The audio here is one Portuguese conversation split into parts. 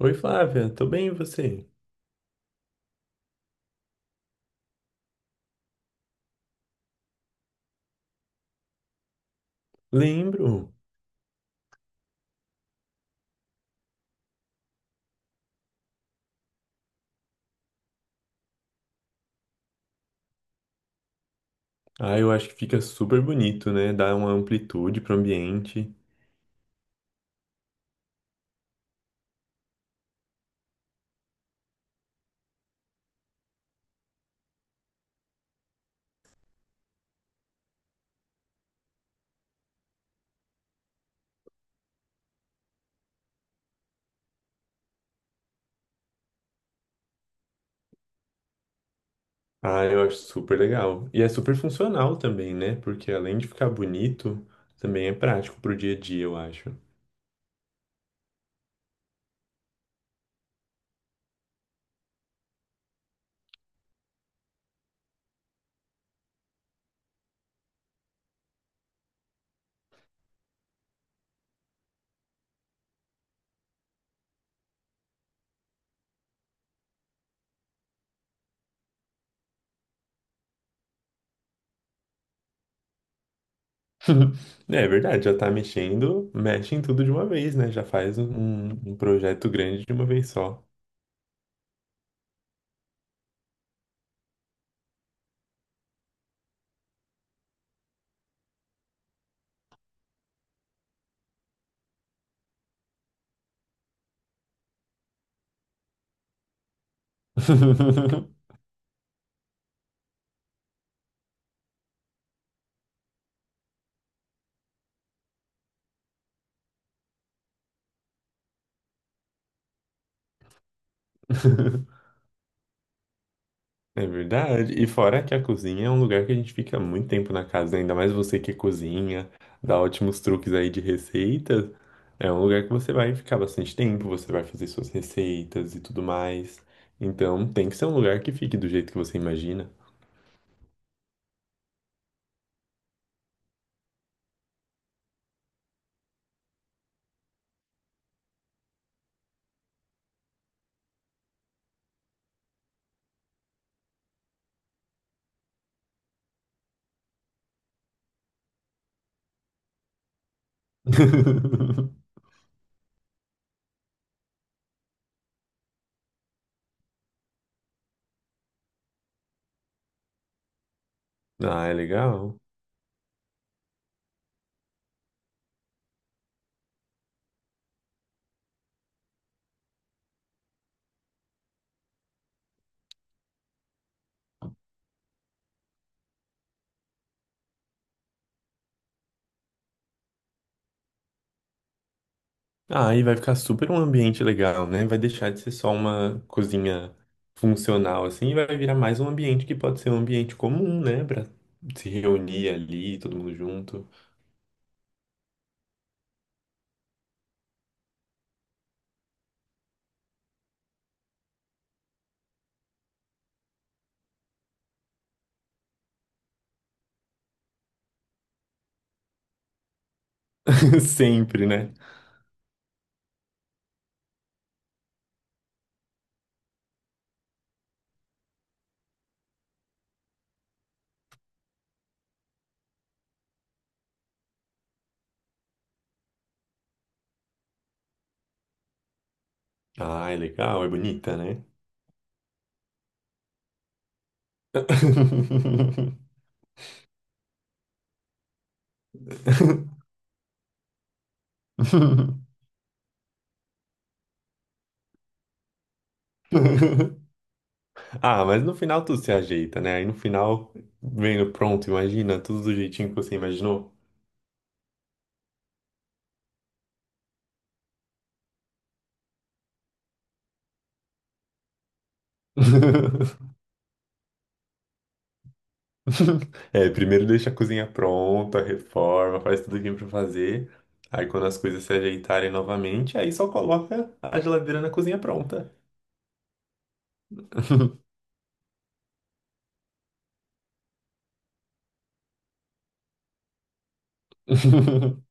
Oi, Flávia, tô bem, e você? Lembro. Ah, eu acho que fica super bonito, né? Dá uma amplitude pro ambiente. Ah, eu acho super legal. E é super funcional também, né? Porque além de ficar bonito, também é prático pro dia a dia, eu acho. É verdade, já tá mexendo, mexe em tudo de uma vez, né? Já faz um projeto grande de uma vez só. É verdade. E fora que a cozinha é um lugar que a gente fica muito tempo na casa, né? Ainda mais você que cozinha, dá ótimos truques aí de receitas. É um lugar que você vai ficar bastante tempo, você vai fazer suas receitas e tudo mais. Então tem que ser um lugar que fique do jeito que você imagina. Ah, é legal. Ah, e vai ficar super um ambiente legal, né? Vai deixar de ser só uma cozinha funcional assim, e vai virar mais um ambiente que pode ser um ambiente comum, né? Pra se reunir ali, todo mundo junto. Sempre, né? Ah, é legal, é bonita, né? Ah, mas no final tudo se ajeita, né? Aí no final, vendo pronto, imagina, tudo do jeitinho que você imaginou. É, primeiro deixa a cozinha pronta, reforma, faz tudo que tem pra fazer. Aí quando as coisas se ajeitarem novamente, aí só coloca a geladeira na cozinha pronta.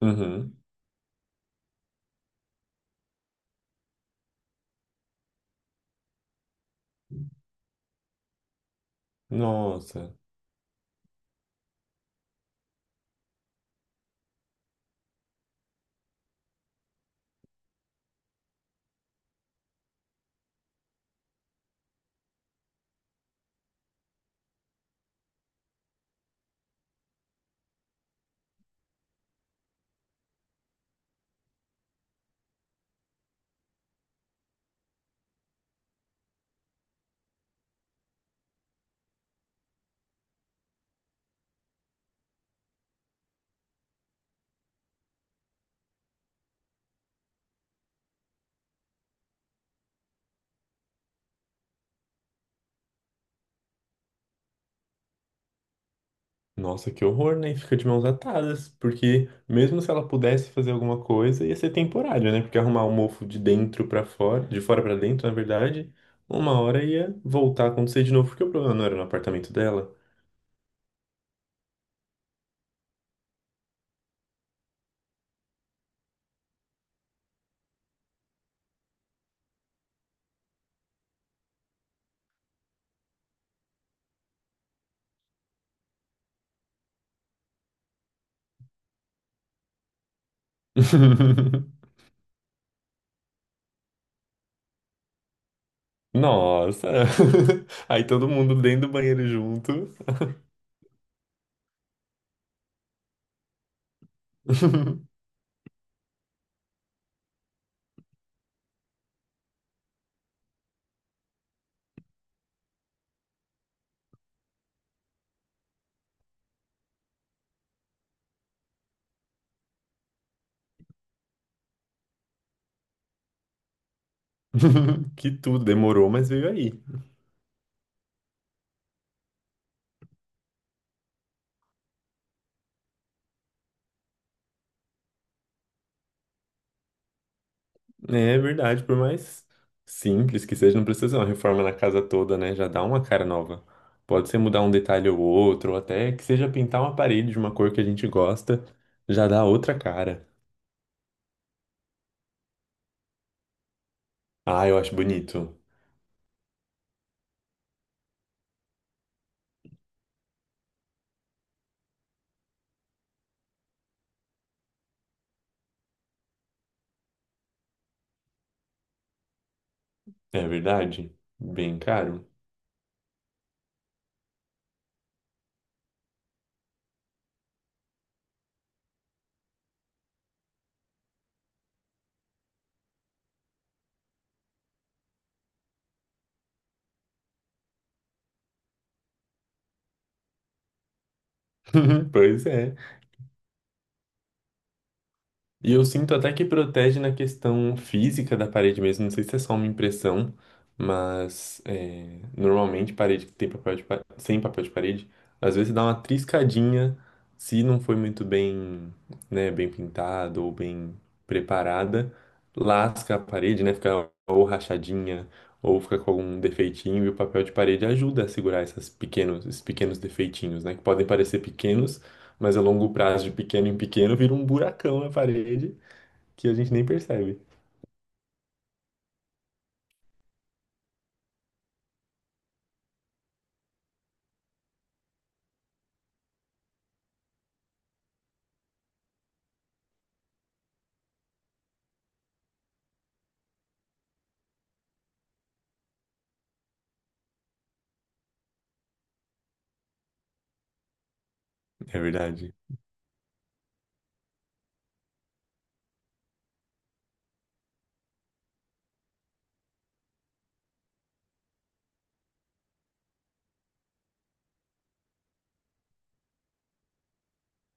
Uhum. Nossa. Nossa, que horror, né? Fica de mãos atadas, porque mesmo se ela pudesse fazer alguma coisa, ia ser temporário, né? Porque arrumar o mofo de dentro pra fora, de fora pra dentro, na verdade, uma hora ia voltar a acontecer de novo, porque o problema não era no apartamento dela. Nossa! Aí todo mundo dentro do banheiro junto. Que tudo, demorou, mas veio aí. É verdade, por mais simples que seja, não precisa ser uma reforma na casa toda, né? Já dá uma cara nova. Pode ser mudar um detalhe ou outro, ou até que seja pintar uma parede de uma cor que a gente gosta, já dá outra cara. Ah, eu acho bonito. É verdade? Bem caro. Pois é. E eu sinto até que protege na questão física da parede mesmo. Não sei se é só uma impressão, mas é, normalmente parede que tem sem papel de parede, às vezes dá uma triscadinha se não foi muito bem, né, bem pintado ou bem preparada, lasca a parede, né, fica ou rachadinha ou fica com algum defeitinho e o papel de parede ajuda a segurar esses pequenos defeitinhos, né, que podem parecer pequenos, mas a longo prazo, de pequeno em pequeno, vira um buracão na parede que a gente nem percebe. É verdade.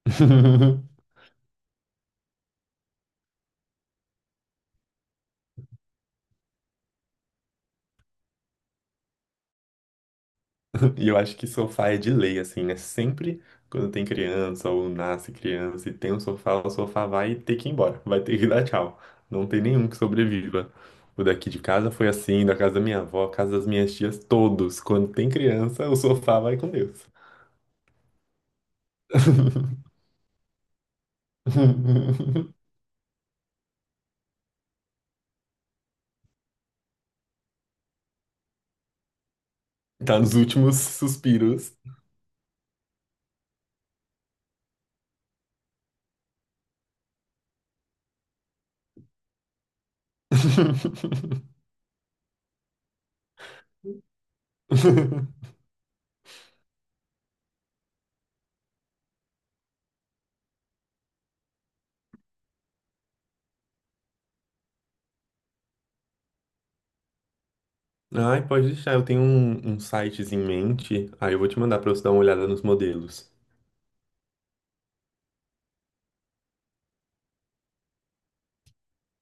E eu acho que sofá é de lei, assim, né? Sempre quando tem criança ou nasce criança e tem um sofá, o sofá vai ter que ir embora, vai ter que dar tchau. Não tem nenhum que sobreviva. O daqui de casa foi assim, da casa da minha avó, casa das minhas tias, todos. Quando tem criança, o sofá vai com Deus. Tá nos últimos suspiros. Ai, pode deixar. Eu tenho um sites em mente. Aí eu vou te mandar pra você dar uma olhada nos modelos.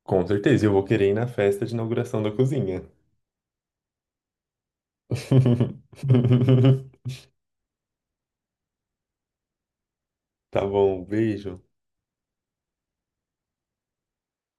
Com certeza, eu vou querer ir na festa de inauguração da cozinha. Tá bom, beijo.